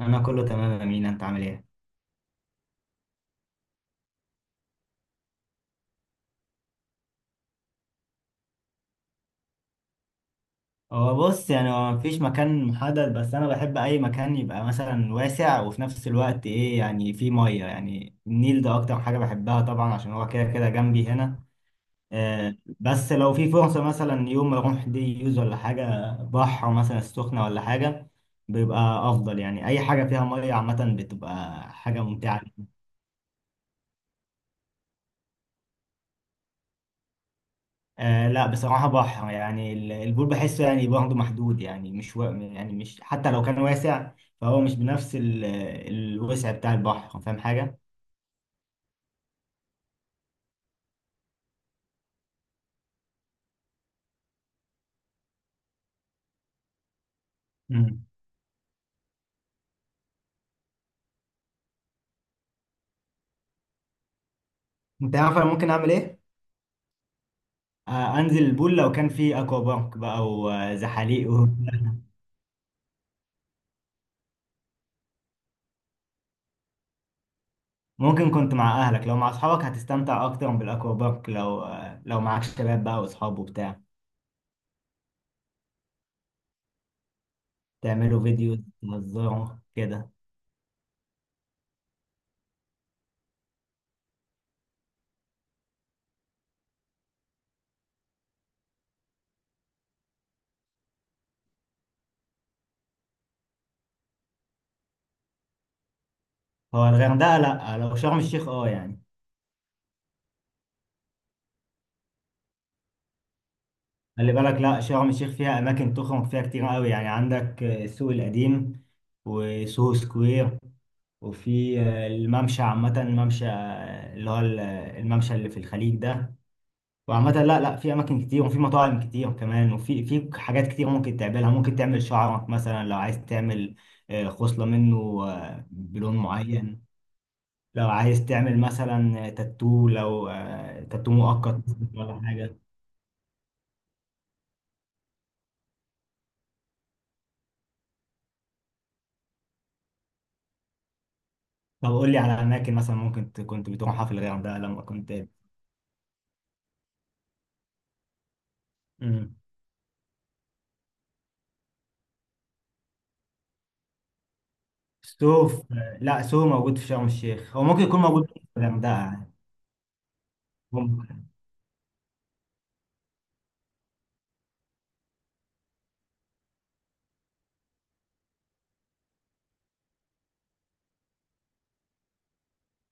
انا كله تمام يا مينا، انت عامل ايه؟ هو بص، يعني هو مفيش مكان محدد، بس انا بحب اي مكان يبقى مثلا واسع وفي نفس الوقت ايه يعني فيه ميه، يعني النيل ده اكتر حاجه بحبها طبعا عشان هو كده كده جنبي هنا. آه، بس لو في فرصه مثلا يوم اروح دي يوز ولا حاجه، بحر مثلا السخنه ولا حاجه، بيبقى افضل. يعني اي حاجه فيها ميه عامه بتبقى حاجه ممتعه. آه لا، بصراحة بحر. يعني البول بحسه يعني برضه محدود، يعني مش و... يعني مش، حتى لو كان واسع فهو مش بنفس الوسع بتاع البحر. فاهم حاجة؟ مم. انت عارف انا ممكن اعمل ايه؟ آه، انزل البول لو كان في اكوا بارك بقى وزحاليق. ممكن كنت مع اهلك، لو مع اصحابك هتستمتع اكتر بالاكوا بارك، لو لو معاك شباب بقى واصحاب وبتاع، تعملوا فيديو، تهزروا كده. هو الغردقة لا، لو شرم الشيخ اه يعني. خلي بالك، لا شرم الشيخ فيها اماكن تخرج فيها كتير قوي، يعني عندك السوق القديم وسوهو سكوير، وفي الممشى، عامه الممشى اللي هو الممشى اللي في الخليج ده. وعامه لا لا، في اماكن كتير وفي مطاعم كتير كمان، وفي حاجات كتير ممكن تعملها. ممكن تعمل شعرك مثلا، لو عايز تعمل خصله منه بلون معين. لو عايز تعمل مثلا تاتو، لو تاتو مؤقت ولا حاجه. طب قول لي على اماكن مثلا ممكن كنت بتروحها في الغردقه لما كنت. امم سو في... لا، سو موجود في شرم الشيخ، هو ممكن يكون موجود في الغردقه يعني. ممكن.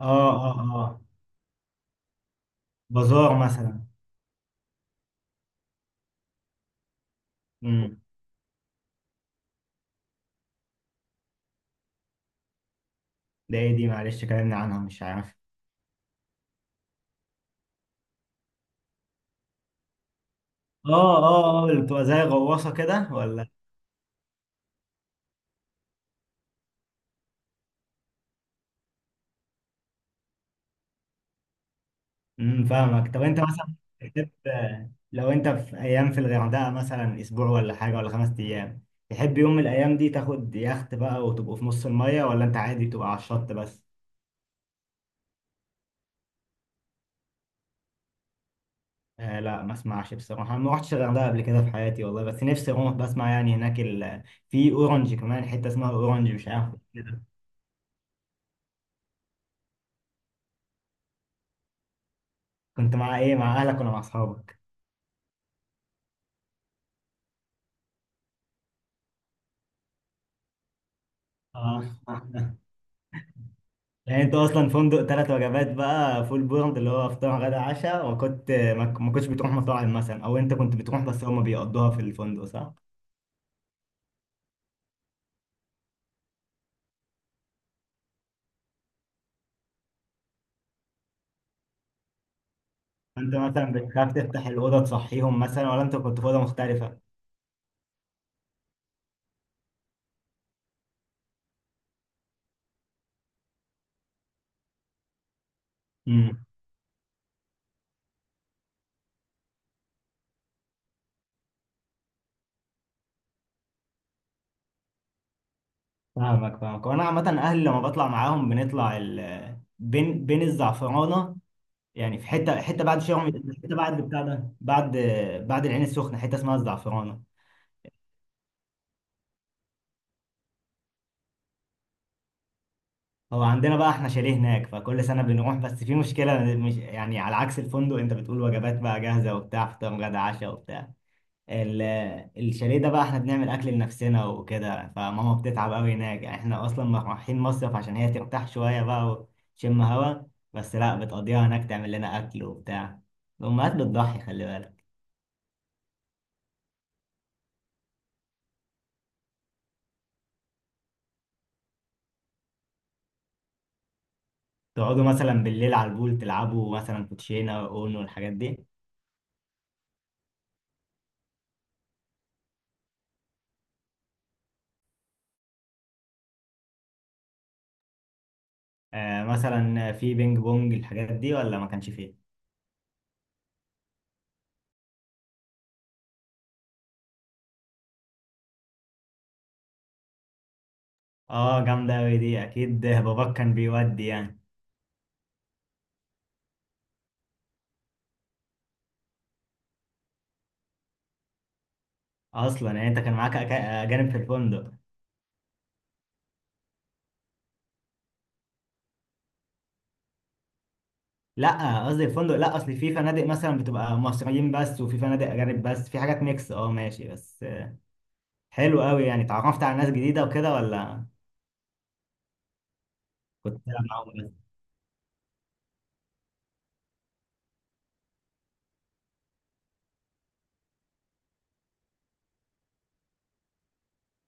اه، اه، اه. بازار مثلا. امم ده ايه دي؟ معلش كلامنا عنها مش عارف. اه، اه، اه، اللي بتبقى زي غواصه كده ولا؟ فاهمك. طب انت مثلا تحب، لو انت في ايام في الغردقه مثلا اسبوع ولا حاجه ولا 5 ايام، تحب يوم من الايام دي تاخد يخت بقى وتبقوا في نص الميه، ولا انت عادي تبقى على الشط بس؟ آه لا، ما اسمعش بصراحة. ما رحتش الغردقة قبل كده في حياتي والله، بس نفسي اروح. بسمع يعني هناك في اورنج، كمان حتة اسمها اورنج، مش عارف كده. كنت مع ايه، مع اهلك ولا مع اصحابك؟ اه. يعني انت اصلا فندق 3 وجبات بقى، فول بورد اللي هو فطار غدا عشاء، وكنت ما كنتش بتروح مطاعم مثلا، او انت كنت بتروح بس هما بيقضوها في الفندق، صح؟ انت مثلا بتخاف تفتح الأوضة تصحيهم مثلا، ولا انت كنت في أوضة مختلفة؟ فاهمك، فاهمك. وانا عامه اهلي لما بطلع معاهم بنطلع بين بين الزعفرانه. يعني في حته بعد شرم، حته بعد بتاع ده، بعد العين السخنه حته اسمها الزعفرانه. هو عندنا بقى احنا شاليه هناك، فكل سنه بنروح. بس في مشكله، مش يعني على عكس الفندق انت بتقول وجبات بقى جاهزه وبتاع فطار غدا عشاء وبتاع، ال- الشاليه ده بقى احنا بنعمل اكل لنفسنا وكده، فماما بتتعب قوي هناك. يعني احنا اصلا رايحين مصيف عشان هي ترتاح شويه بقى وتشم هوا، بس لا، بتقضيها هناك تعمل لنا اكل وبتاع. الامهات بتضحي، خلي بالك. تقعدوا مثلا بالليل على البول، تلعبوا مثلا كوتشينه واونو والحاجات دي؟ آه، مثلا في بينج بونج الحاجات دي ولا ما كانش فيه؟ اه، جامده قوي دي. اكيد باباك كان بيودي يعني. اصلا يعني انت كان معاك اجانب في الفندق؟ لا قصدي الفندق، لا اصل في فنادق مثلا بتبقى مصريين بس وفي فنادق اجانب بس، في حاجات ميكس. اه ماشي. بس حلو قوي، يعني اتعرفت على ناس جديده وكده ولا؟ كنت طالع معاهم بس؟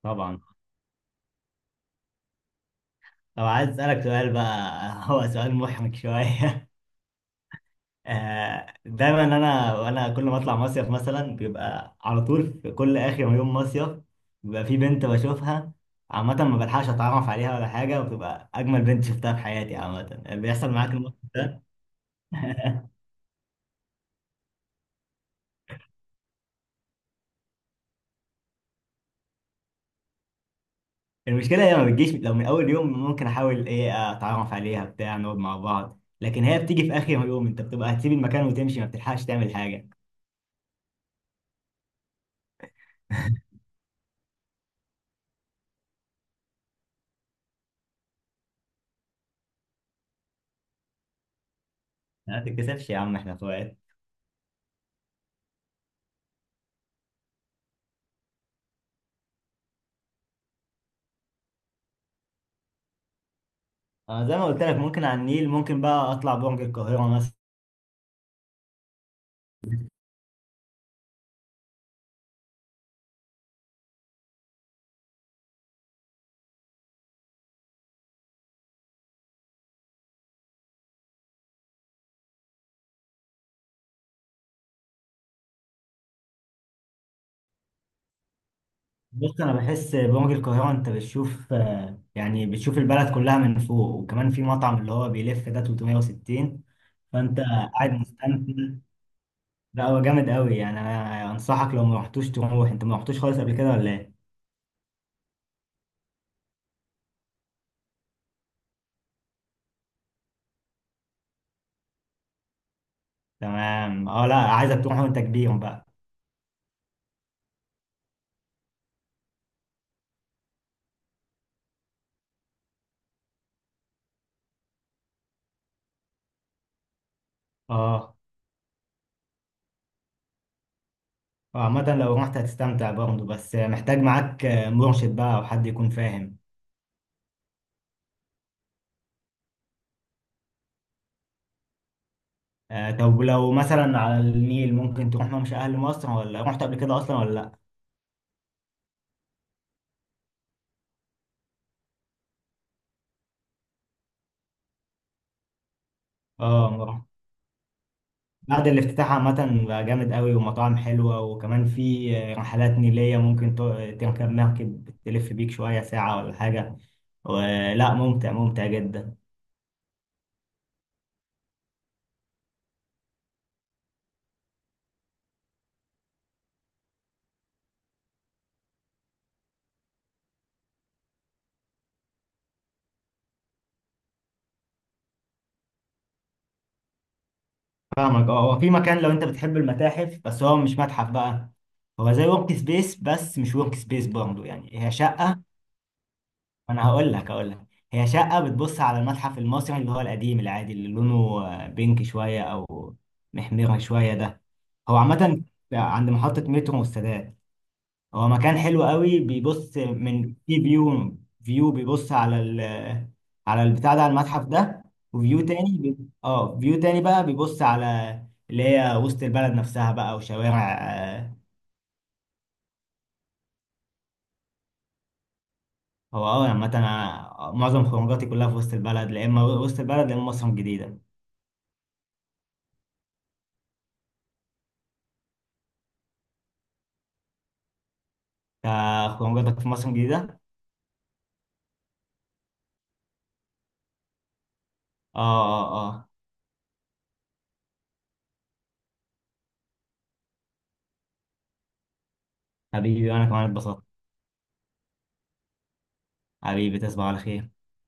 طبعا. طب عايز اسالك سؤال بقى. هو سؤال محرج شويه. دايما انا كل ما اطلع مصيف مثلا بيبقى على طول في كل اخر يوم مصيف، بيبقى في بنت بشوفها. عامة ما بلحقش اتعرف عليها ولا حاجة، وبتبقى اجمل بنت شفتها في حياتي عامة. بيحصل معاك الموقف ده؟ المشكلة هي ما بتجيش. لو من أول يوم ممكن أحاول إيه، أتعرف عليها بتاع نقعد مع بعض، لكن هي بتيجي في آخر يوم، أنت بتبقى هتسيب المكان وتمشي، ما بتلحقش تعمل حاجة. ما تتكسفش يا عم، إحنا إخوات. أنا زي ما قلت لك ممكن على النيل، ممكن بقى أطلع برج القاهرة مثلا. بص أنا بحس برج القاهرة، أنت بتشوف يعني بتشوف البلد كلها من فوق، وكمان في مطعم اللي هو بيلف ده 360، فأنت قاعد مستمتع. لا هو جامد قوي، يعني أنا أنصحك لو ما رحتوش تروح. أنت ما رحتوش خالص قبل كده ولا إيه؟ تمام، اه لا، عايزك تروح وانت كبير بقى. اه. عامة لو رحت هتستمتع برضه، بس محتاج معاك مرشد بقى او حد يكون فاهم. آه، طب لو مثلا على النيل ممكن تروح ممشى اهل مصر، ولا رحت قبل كده اصلا ولا لا؟ اه، مرة. بعد الافتتاح عامة بقى جامد قوي ومطاعم حلوة، وكمان في رحلات نيلية ممكن تركب مركب تلف بيك شوية ساعة ولا حاجة ولا، ممتع ممتع جدا. فاهمك. اه هو في مكان، لو انت بتحب المتاحف، بس هو مش متحف بقى. هو زي ورك سبيس بس مش ورك سبيس برضه، يعني هي شقة. انا هقول لك. هي شقة بتبص على المتحف المصري اللي هو القديم العادي، اللي لونه بينك شوية او محمر شوية ده. هو عامة عند محطة مترو والسادات، هو مكان حلو قوي بيبص من في فيو. فيو بيبص على على البتاع ده، على المتحف ده. وفيو تاني بي... اه فيو تاني بقى بيبص على اللي هي وسط البلد نفسها بقى وشوارع هو اه عامة، أنا معظم خروجاتي كلها في وسط البلد، لا اما وسط البلد لا اما مصر الجديدة. خروجاتك في مصر الجديدة؟ اه، اه، اه. حبيبي، وانا كمان اتبسطت. حبيبي، تصبح على خير.